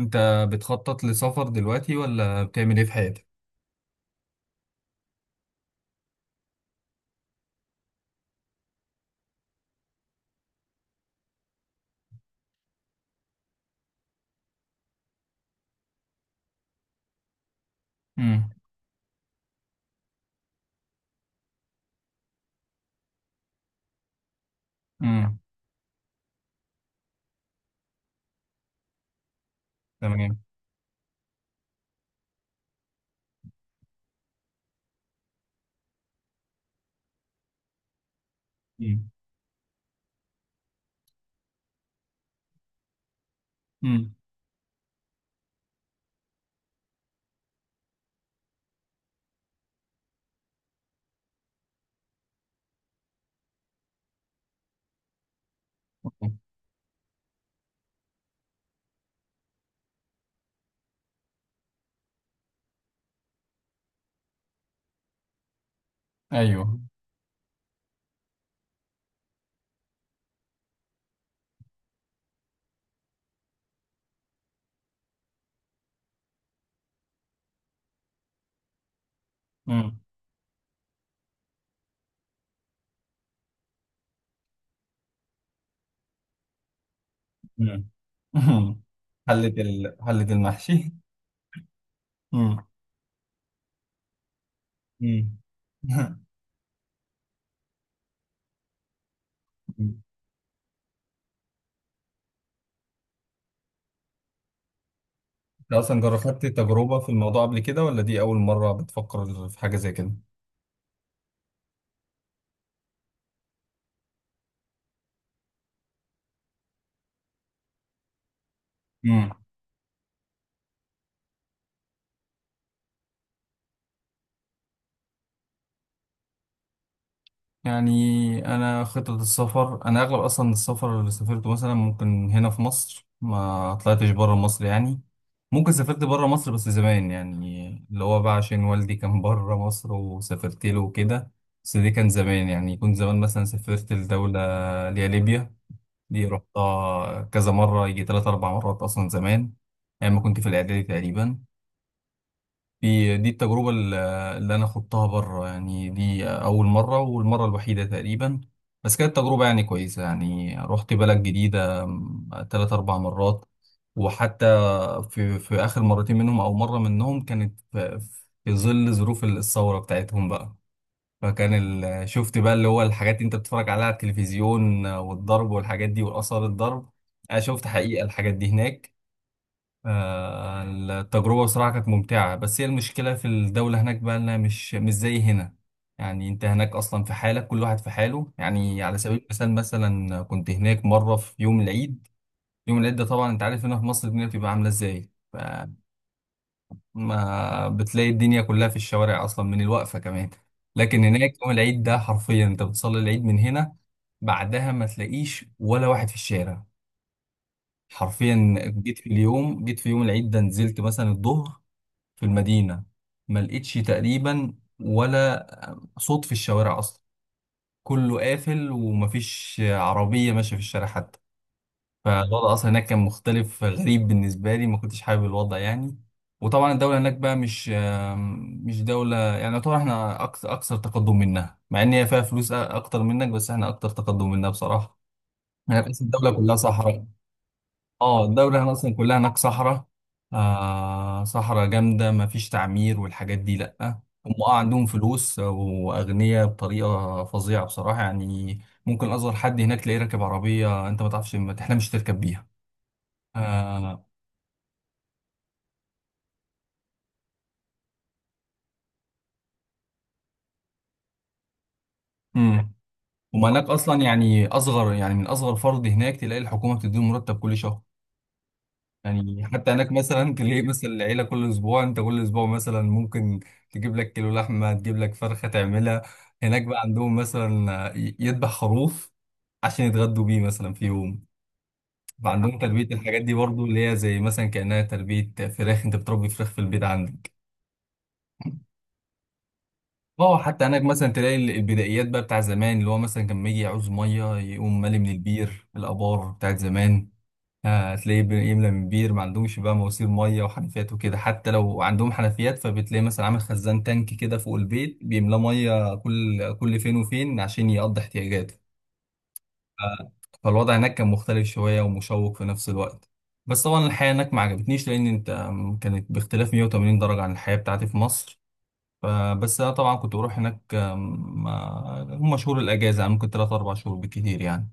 انت بتخطط لسفر دلوقتي ولا بتعمل ايه في حياتك؟ امم. امم. تمام. امم. امم. ايوه. امم. امم. أمم. حلة المحشي. امم. امم. انت اصلا جربت تجربة في الموضوع قبل كده ولا دي اول مرة بتفكر في حاجة زي كده؟ يعني أنا خطة السفر أنا أغلب أصلا السفر اللي سافرته مثلا ممكن هنا في مصر ما طلعتش بره مصر يعني. ممكن سافرت بره مصر بس زمان يعني اللي هو بقى عشان والدي كان بره مصر وسافرت له وكده. بس دي كان زمان يعني كنت زمان مثلا سافرت لدولة اللي هي ليبيا. دي رحتها كذا مرة يجي تلات أربع مرات أصلا زمان. أيام ما كنت في الإعدادي تقريبا. دي التجربة اللي أنا خضتها بره يعني دي أول مرة والمرة الوحيدة تقريبا. بس كانت تجربة يعني كويسة يعني رحت بلد جديدة تلات أربع مرات. وحتى في آخر مرتين منهم أو مرة منهم كانت في ظل ظروف الثورة بتاعتهم بقى. فكان شفت بقى اللي هو الحاجات اللي أنت بتتفرج عليها على التلفزيون والضرب والحاجات دي وآثار الضرب. أنا شفت حقيقة الحاجات دي هناك. التجربة بصراحة كانت ممتعة بس هي المشكلة في الدولة هناك بقى إنها مش زي هنا. يعني أنت هناك أصلا في حالك، كل واحد في حاله. يعني على سبيل المثال، مثلا كنت هناك مرة في يوم العيد. يوم العيد ده طبعا أنت عارف هنا في مصر الدنيا بتبقى عاملة إزاي. فما بتلاقي الدنيا كلها في الشوارع أصلا من الوقفة كمان. لكن هناك يوم العيد ده حرفيا أنت بتصلي العيد من هنا. بعدها ما تلاقيش ولا واحد في الشارع. حرفيا. جيت في يوم العيد ده نزلت مثلا الظهر في المدينة. ما لقيتش تقريبا ولا صوت في الشوارع أصلا. كله قافل ومفيش عربية ماشية في الشارع حتى. فالوضع أصلا هناك كان مختلف غريب بالنسبة لي، ما كنتش حابب الوضع يعني. وطبعا الدولة هناك بقى مش آم، مش دولة يعني، يعتبر احنا أكثر تقدم منها، مع إن هي فيها فلوس أكتر منك بس احنا أكتر تقدم منها بصراحة. يعني تحس الدولة كلها صحراء. اه، الدولة هنا أصلا كلها هناك صحراء. آه، صحراء جامدة، مفيش تعمير والحاجات دي لأ. هم عندهم فلوس وأغنياء بطريقة فظيعة بصراحة يعني. ممكن أصغر حد هناك تلاقيه راكب عربية أنت ما تعرفش ما تحلمش تركب بيها. آه. امم. وما هناك أصلا يعني أصغر، يعني من أصغر فرد هناك تلاقي الحكومة بتديله مرتب كل شهر. يعني حتى هناك مثلا تلاقي مثلا العيلة كل أسبوع أنت كل أسبوع مثلا ممكن تجيب لك كيلو لحمة، تجيب لك فرخة تعملها. هناك بقى عندهم مثلا يذبح خروف عشان يتغدوا بيه مثلا في يوم. فعندهم تربية الحاجات دي برضو اللي هي زي مثلا كأنها تربية فراخ، أنت بتربي فراخ في البيت عندك. اه، حتى هناك مثلا تلاقي البدايات بقى بتاع زمان اللي هو مثلا كان لما يجي يعوز مية يقوم مالي من البير، الآبار بتاعت زمان. هتلاقيه يملى من بير، ما عندهمش بقى مواسير ميه وحنفيات وكده. حتى لو عندهم حنفيات فبتلاقي مثلا عامل خزان تانك كده فوق البيت بيملاه ميه كل فين وفين عشان يقضي احتياجاته. ف- فالوضع هناك كان مختلف شويه ومشوق في نفس الوقت. بس طبعا الحياه هناك ما عجبتنيش لان انت كانت باختلاف 180 درجه عن الحياه بتاعتي في مصر. فبس انا طبعا كنت بروح هناك آم، ما- هم شهور الاجازه، يعني ممكن 3 4 شهور بالكتير يعني.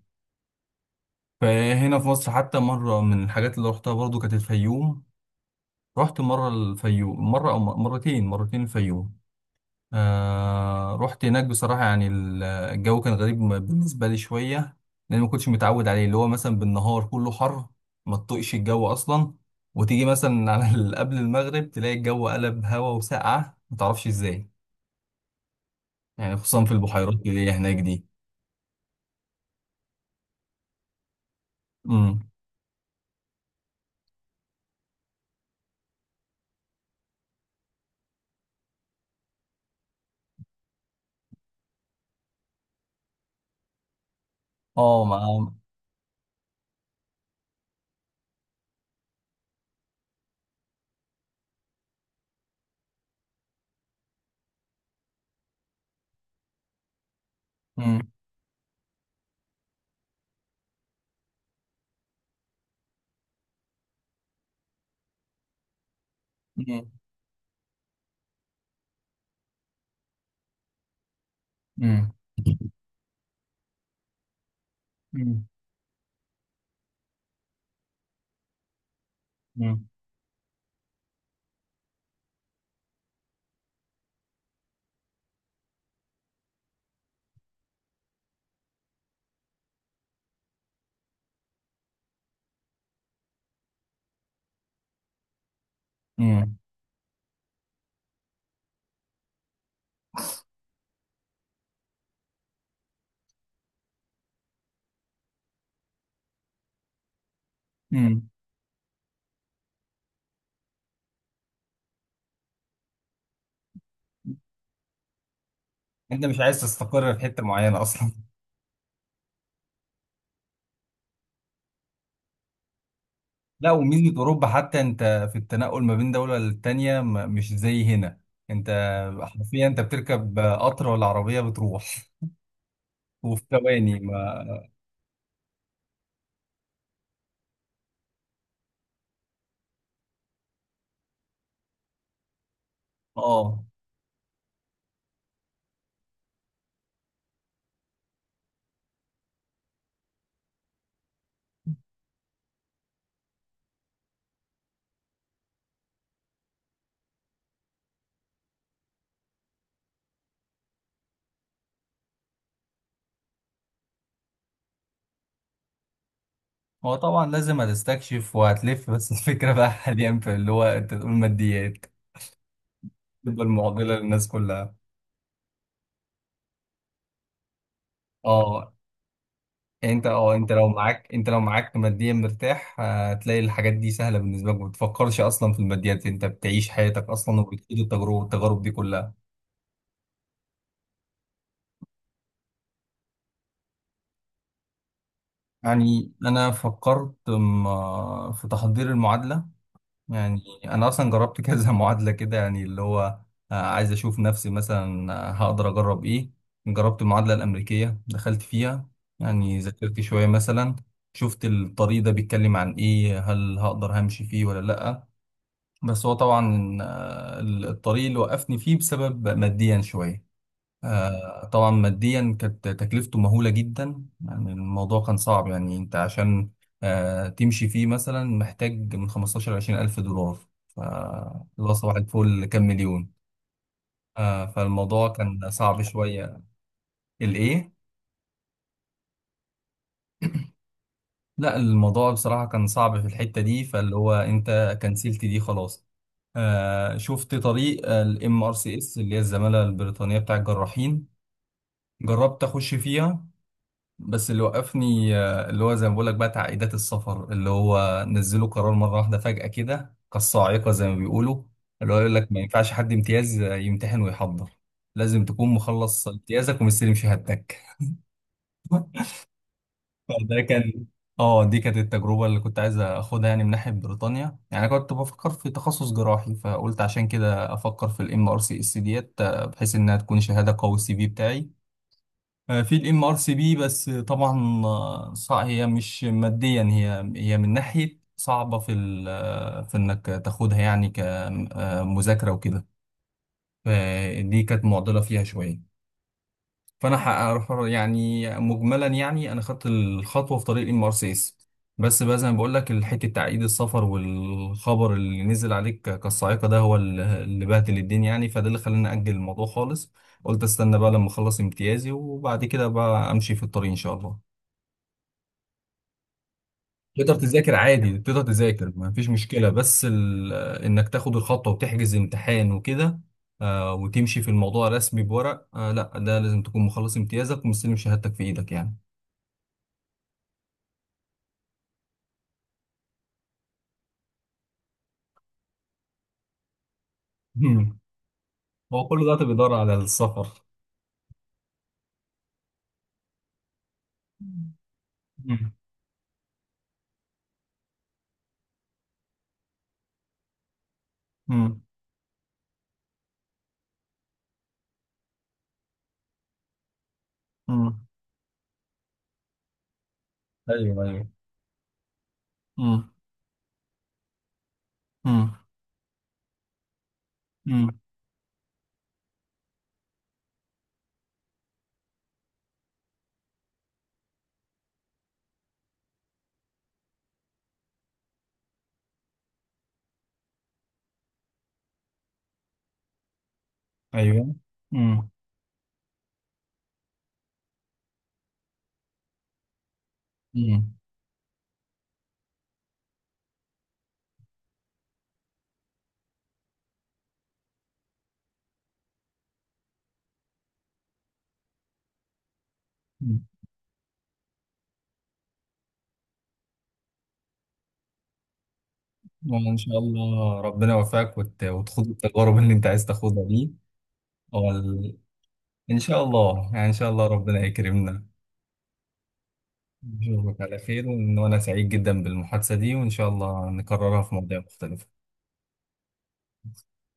فهنا في مصر حتى مرة من الحاجات اللي روحتها برضو كانت الفيوم. رحت مرة الفيوم، مرة أو مرتين الفيوم. آه، رحت هناك بصراحة يعني الجو كان غريب بالنسبة لي شوية. لأن ما كنتش متعود عليه، اللي هو مثلا بالنهار كله حر. ما تطقش الجو أصلا. وتيجي مثلا على قبل المغرب تلاقي الجو قلب هوا وسقعة ما تعرفش إزاي. يعني خصوصا في البحيرات اللي هي هناك دي. امم. اه، مع. امم. امم. امم. امم. امم. أمم. أنت مش عايز تستقر في حتة معينة أصلا؟ لا، وميزة أوروبا حتى أنت في التنقل ما بين دولة للتانية مش زي هنا. أنت. حرفيا أنت بتركب قطر ولا عربية بتروح؟ وفي ثواني ما. آه. هو طبعا لازم هتستكشف وهتلف، بس الفكرة بقى حاليا في اللي هو أنت تقول ماديات. تبقى المعضلة للناس كلها. آه، يعني أنت لو معاك ماديا مرتاح هتلاقي الحاجات دي سهلة بالنسبة لك، ما بتفكرش أصلا في الماديات، أنت بتعيش حياتك أصلا وبتعيش التجارب دي كلها. يعني أنا فكرت في تحضير المعادلة. يعني أنا أصلا جربت كذا معادلة كده، يعني اللي هو عايز أشوف نفسي مثلا هقدر أجرب إيه. جربت المعادلة الأمريكية دخلت فيها. يعني ذاكرت شوية مثلا. شفت الطريق ده بيتكلم عن إيه، هل هقدر همشي فيه ولا لأ. بس هو طبعا الطريق اللي وقفني فيه بسبب ماديا شوية. طبعا ماديا كانت تكلفته مهولة جدا، يعني الموضوع كان صعب. يعني انت عشان تمشي فيه مثلا محتاج من 15 ل 20 ألف دولار. ف- اللي هو صباح الفل كام مليون. فالموضوع كان صعب شوية. الإيه؟ لا، الموضوع بصراحة كان صعب في الحتة دي، فاللي هو انت كنسلت دي خلاص. شفت طريق MRCS اللي هي الزمالة البريطانية بتاع الجراحين. جربت اخش فيها. بس اللي وقفني اللي هو زي ما بقول لك بقى تعقيدات السفر، اللي هو نزلوا قرار مره واحده فجاه كده كالصاعقه زي ما بيقولوا. اللي هو يقول لك ما ينفعش حد امتياز يمتحن ويحضر. لازم تكون مخلص امتيازك ومستلم شهادتك. فده كان. اه، دي كانت التجربه اللي كنت عايز اخدها يعني من ناحيه بريطانيا. يعني انا كنت بفكر في تخصص جراحي، فقلت عشان كده افكر في MRCS ديت بحيث انها تكون شهاده قوي CV بتاعي. في MRCP بس طبعا هي مش ماديا، هي من ناحيه صعبه في ال- آه، في انك تاخدها يعني كمذاكره وكده. فدي كانت معضله فيها شويه. فانا يعني مجملا يعني انا خدت الخطوه في طريق MRCS. بس بقى زي ما بقول لك الحته، تعقيد السفر والخبر اللي نزل عليك كالصاعقه ده هو اللي بهدل الدنيا يعني. فده اللي خلاني اجل الموضوع خالص. قلت استنى بقى لما اخلص امتيازي وبعد كده بقى امشي في الطريق ان شاء الله. تقدر تذاكر عادي، تقدر تذاكر ما فيش مشكله، بس انك تاخد الخطوه وتحجز امتحان وكده وتمشي في الموضوع رسمي بورق، لا، ده لازم تكون مخلص امتيازك ومستلم شهادتك في ايدك يعني. مم. هو كل ده بيدور على السفر؟ مم. مم. مم. ايوه، ايوه. مم. مم. مم. ايوه. مم. مم. مم. والله ان شاء الله، ربنا يوفقك وتخوض التجارب اللي انت عايز تاخدها دي. وال... ان شاء الله، يعني ان شاء الله ربنا يكرمنا. نشوفك على خير، وان انا سعيد جدا بالمحادثة دي وان شاء الله نكررها في مواضيع مختلفة.